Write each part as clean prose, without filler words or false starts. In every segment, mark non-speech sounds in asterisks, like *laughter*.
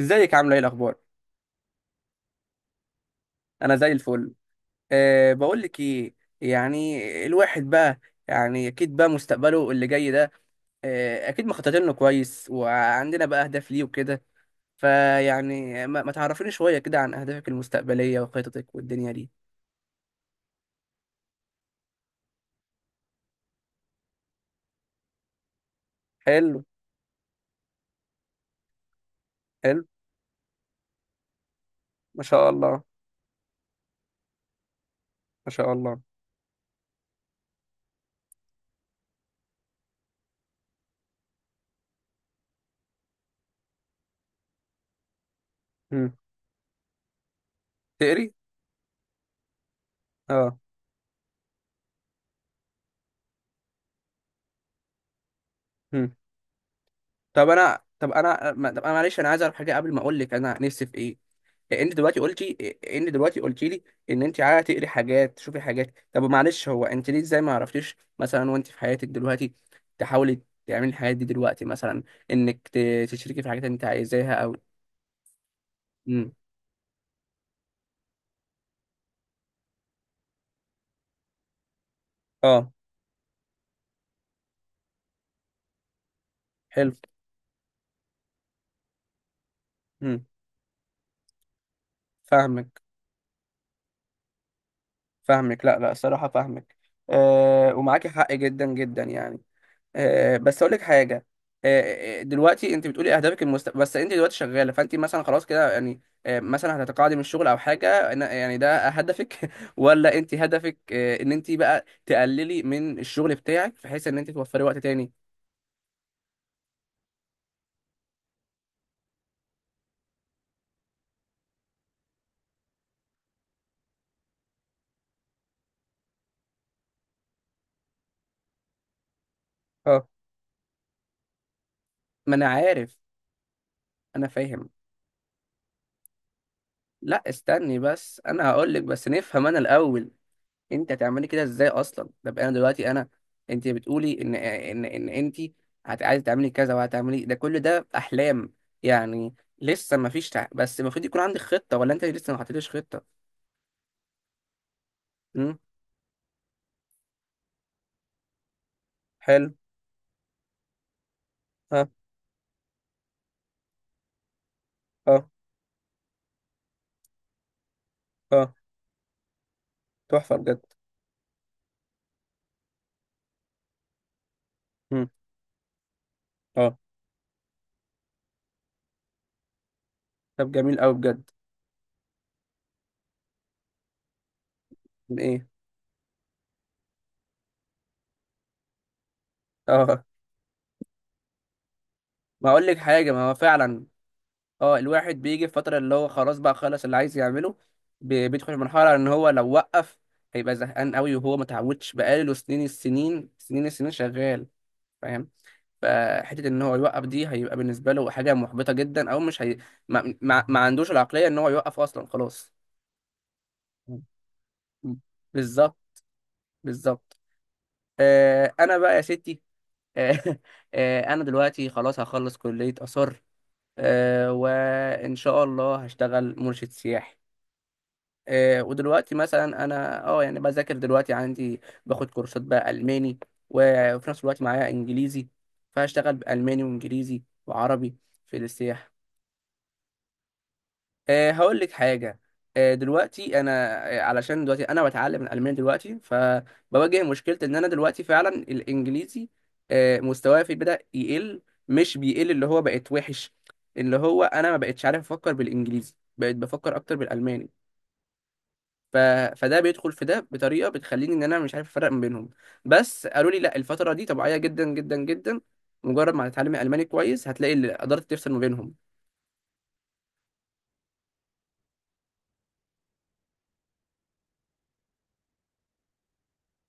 ازيك؟ عامله ايه؟ الاخبار؟ انا زي الفل. بقول لك ايه؟ يعني الواحد بقى، يعني اكيد بقى مستقبله اللي جاي ده. اكيد مخططين له كويس، وعندنا بقى اهداف ليه وكده. فيعني، ما تعرفيني شويه كده عن اهدافك المستقبليه وخططك والدنيا دي. حلو. حلو. ما شاء الله. ما شاء الله. مم. تقري؟ اه. مم. طب انا طب انا ما- طب انا معلش، انا عايز اعرف حاجه قبل ما اقول لك انا نفسي في ايه. انت دلوقتي قلتي لي ان انت عايزه تقري حاجات، تشوفي حاجات. طب معلش، هو انت ليه؟ ازاي ما عرفتيش مثلا وانت في حياتك دلوقتي تحاولي تعملي الحاجات دي دلوقتي، مثلا انك تشتركي في حاجات انت عايزاها او. امم. اه. حلو. امم. فاهمك. فاهمك، لا لا، الصراحه فاهمك. آه، ومعاكي حق جدا جدا يعني. آه، بس اقول لك حاجه. آه، آه، دلوقتي انت بتقولي اهدافك بس انت دلوقتي شغاله، فانت مثلا خلاص كده يعني. آه، مثلا هتتقاعدي من الشغل او حاجه؟ يعني ده هدفك؟ *laughs* ولا انت هدفك، ان انت بقى تقللي من الشغل بتاعك بحيث ان انت توفري وقت تاني؟ اه، ما انا عارف. انا فاهم. لا استني بس، انا هقول لك بس نفهم انا الاول. انت هتعملي كده ازاي اصلا؟ طب انا دلوقتي انا. انت بتقولي ان انت عايزه تعملي كذا، وهتعملي ده. كل ده احلام يعني، لسه ما فيش بس المفروض يكون عندك خطه، ولا انت لسه ما حطيتيش خطه؟ امم. حلو. ها. اه. اه. تحفه بجد. امم. اه. طب جميل قوي بجد. ايه؟ اه. ما اقول لك حاجه، ما هو فعلا. اه، الواحد بيجي في فترة اللي هو خلاص بقى خلص اللي عايز يعمله. بيدخل في مرحلة ان هو لو وقف هيبقى زهقان قوي، وهو ما تعودش، بقاله سنين السنين سنين السنين شغال. فاهم. فحتة ان هو يوقف دي، هيبقى بالنسبة له حاجة محبطة جدا، او مش هي... ما عندوش العقلية ان هو يوقف اصلا خلاص. م. بالظبط. بالظبط. آه، انا بقى يا ستي. آه. *laughs* آه، انا دلوقتي خلاص هخلص كلية آثار. آه، وان شاء الله هشتغل مرشد سياحي. آه، ودلوقتي مثلا انا، يعني بذاكر دلوقتي، عندي باخد كورسات بقى الماني، وفي نفس الوقت معايا انجليزي. فهشتغل بالماني وانجليزي وعربي في السياحه. هقول لك حاجه. دلوقتي انا، علشان دلوقتي انا بتعلم الالماني دلوقتي، فبواجه مشكله ان انا دلوقتي فعلا الانجليزي مستواه في بدا يقل. مش بيقل، اللي هو بقت وحش. اللي هو، انا ما بقتش عارف افكر بالانجليزي، بقيت بفكر اكتر بالالماني. ف... فده بيدخل في ده بطريقه بتخليني ان انا مش عارف افرق ما بينهم. بس قالوا لي لا، الفتره دي طبيعيه جدا جدا جدا، مجرد ما هتتعلمي الماني كويس هتلاقي اللي قدرت تفصل ما بينهم.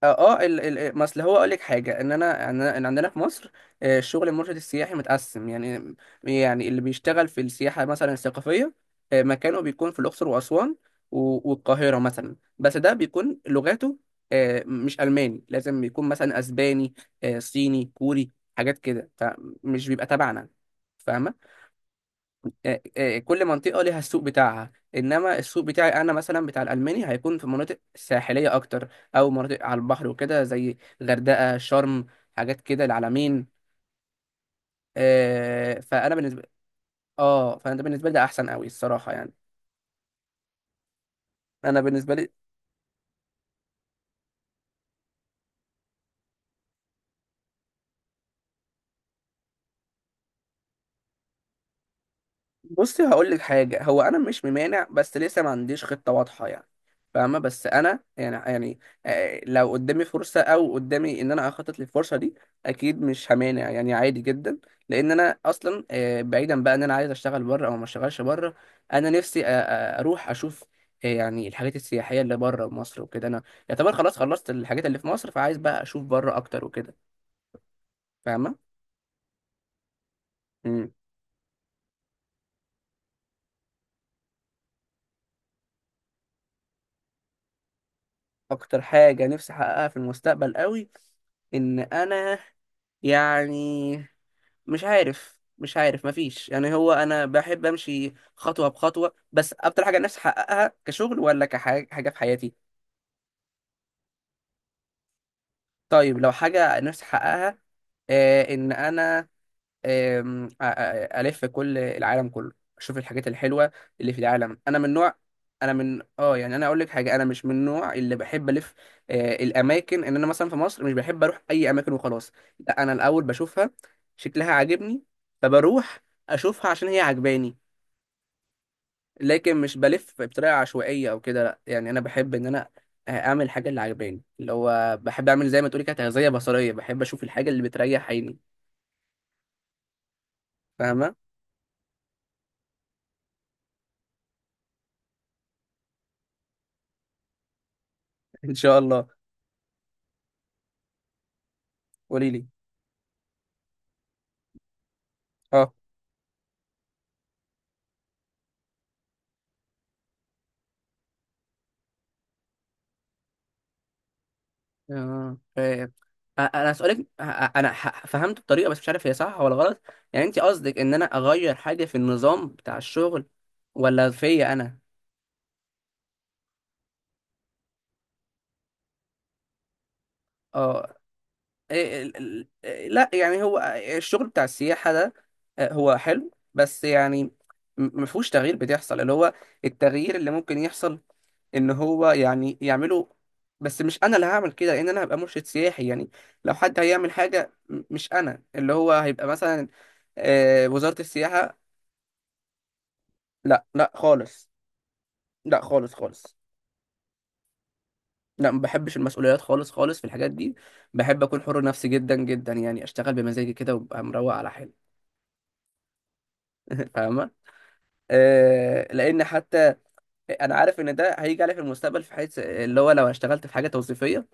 اه. آه، ال ال ما اصل هو اقول لك حاجه، ان انا ان أنا- إن عندنا في مصر، آه، الشغل المرشد السياحي متقسم يعني. يعني اللي بيشتغل في السياحه مثلا الثقافيه، مكانه بيكون في الاقصر واسوان والقاهره مثلا، بس ده بيكون لغاته، مش الماني، لازم يكون مثلا اسباني، صيني، كوري، حاجات كده. فمش بيبقى تبعنا. فاهمه. كل منطقة ليها السوق بتاعها، إنما السوق بتاعي أنا مثلا بتاع الألماني هيكون في مناطق ساحلية أكتر، أو مناطق على البحر وكده، زي غردقة، شرم، حاجات كده، العلمين. فأنا بالنسبة. فأنا ده بالنسبة لي ده أحسن أوي الصراحة يعني. أنا بالنسبة لي بصي هقول لك حاجه، هو انا مش ممانع بس لسه ما عنديش خطه واضحه يعني. فاهمه. بس انا يعني، لو قدامي فرصه، او قدامي ان انا اخطط للفرصه دي، اكيد مش همانع، يعني عادي جدا. لان انا اصلا، بعيدا بقى ان انا عايز اشتغل بره او ما اشتغلش بره، انا نفسي اروح اشوف، يعني الحاجات السياحيه اللي بره مصر وكده. انا يعتبر خلاص خلصت الحاجات اللي في مصر، فعايز بقى اشوف بره اكتر وكده. فاهمه. مم. اكتر حاجه نفسي احققها في المستقبل قوي، ان انا يعني، مش عارف. مفيش يعني، هو انا بحب امشي خطوه بخطوه. بس اكتر حاجه نفسي احققها كشغل، ولا كحاجه في حياتي؟ طيب، لو حاجه نفسي احققها ان انا، آم، أ- أ- الف كل العالم كله، اشوف الحاجات الحلوه اللي في العالم. انا من نوع، انا من اه يعني انا اقول لك حاجه، انا مش من النوع اللي بحب الف الاماكن. ان انا مثلا في مصر مش بحب اروح اي اماكن وخلاص. لا، انا الاول بشوفها، شكلها عاجبني، فبروح اشوفها عشان هي عجباني. لكن مش بلف بطريقه عشوائيه او كده، لا. يعني انا بحب ان انا اعمل الحاجه اللي عجباني، اللي هو بحب اعمل زي ما تقولي كده تغذيه بصريه، بحب اشوف الحاجه اللي بتريح عيني. فاهمه. *laughs* ان شاء الله. قولي لي. اه. فاهم. انا هسألك. انا فهمت بطريقه، بس مش عارف هي صح ولا غلط. يعني انت قصدك ان انا اغير حاجه في النظام بتاع الشغل، ولا فيا انا؟ اه. إيه، ال- ال- إيه، لا يعني هو، الشغل بتاع السياحة ده، هو حلو. بس يعني مفهوش تغيير بتحصل، اللي هو التغيير اللي ممكن يحصل ان هو يعني يعمله، بس مش انا اللي هعمل كده، لان انا هبقى مرشد سياحي يعني. لو حد هيعمل حاجة مش انا، اللي هو هيبقى مثلا وزارة السياحة. لا لا خالص. لا خالص خالص. لا، ما بحبش المسؤوليات خالص خالص في الحاجات دي. بحب اكون حر نفسي جدا جدا، يعني اشتغل بمزاجي كده وابقى مروق على حالي. *laughs* فاهمة. لان حتى انا عارف ان ده هيجي علي في المستقبل، في حيث اللي هو لو اشتغلت في حاجه توظيفيه،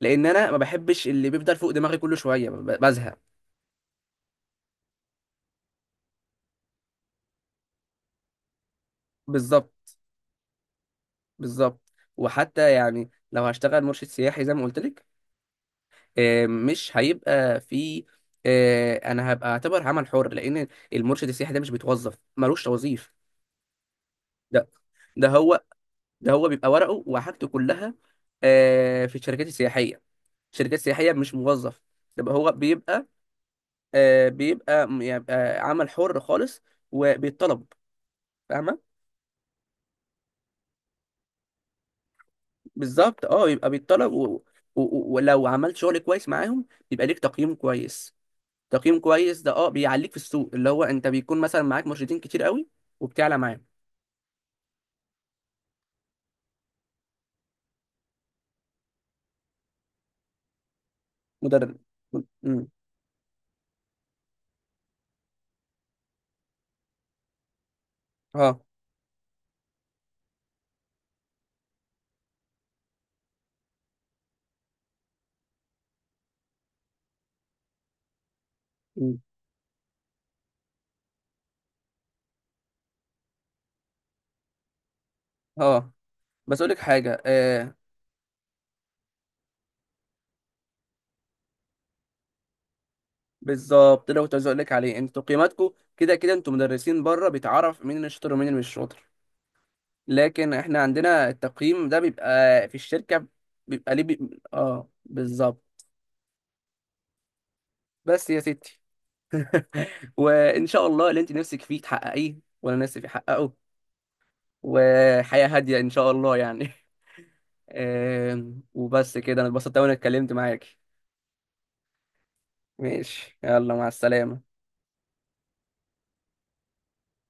لان انا ما بحبش اللي بيفضل فوق دماغي كل شويه بزهق. بالظبط. بالظبط. وحتى يعني لو هشتغل مرشد سياحي زي ما قلت لك، مش هيبقى في، انا هبقى اعتبر عمل حر، لان المرشد السياحي ده مش بيتوظف، ملوش توظيف. ده ده هو ده هو بيبقى ورقه وحاجته كلها في الشركات السياحيه. الشركات السياحيه مش موظف، يبقى هو بيبقى، يبقى عمل حر خالص، وبيتطلب. فاهمه. بالظبط، يبقى بيتطلب، ولو عملت شغل كويس معاهم يبقى ليك تقييم كويس. تقييم كويس ده بيعليك في السوق، اللي هو انت بيكون مثلا معاك مرشدين كتير قوي، وبتعلى معاهم. مدرب. امم. اه. مم. اه. بس اقول لك حاجه. بالظبط، ده كنت عايز اقول لك عليه. انتوا تقييماتكم كده كده، انتوا مدرسين بره، بيتعرف مين اللي شاطر ومين اللي مش شاطر. لكن احنا عندنا التقييم ده بيبقى في الشركة، بيبقى ليه اه، بالظبط. بس يا ستي. *laughs* وان شاء الله اللي انت نفسك فيه تحققيه وانا نفسي فيه احققه، وحياة هادية ان شاء الله يعني. *laughs* وبس كده، انا اتبسطت أوي اني اتكلمت معاكي. ماشي، يلا مع السلامة.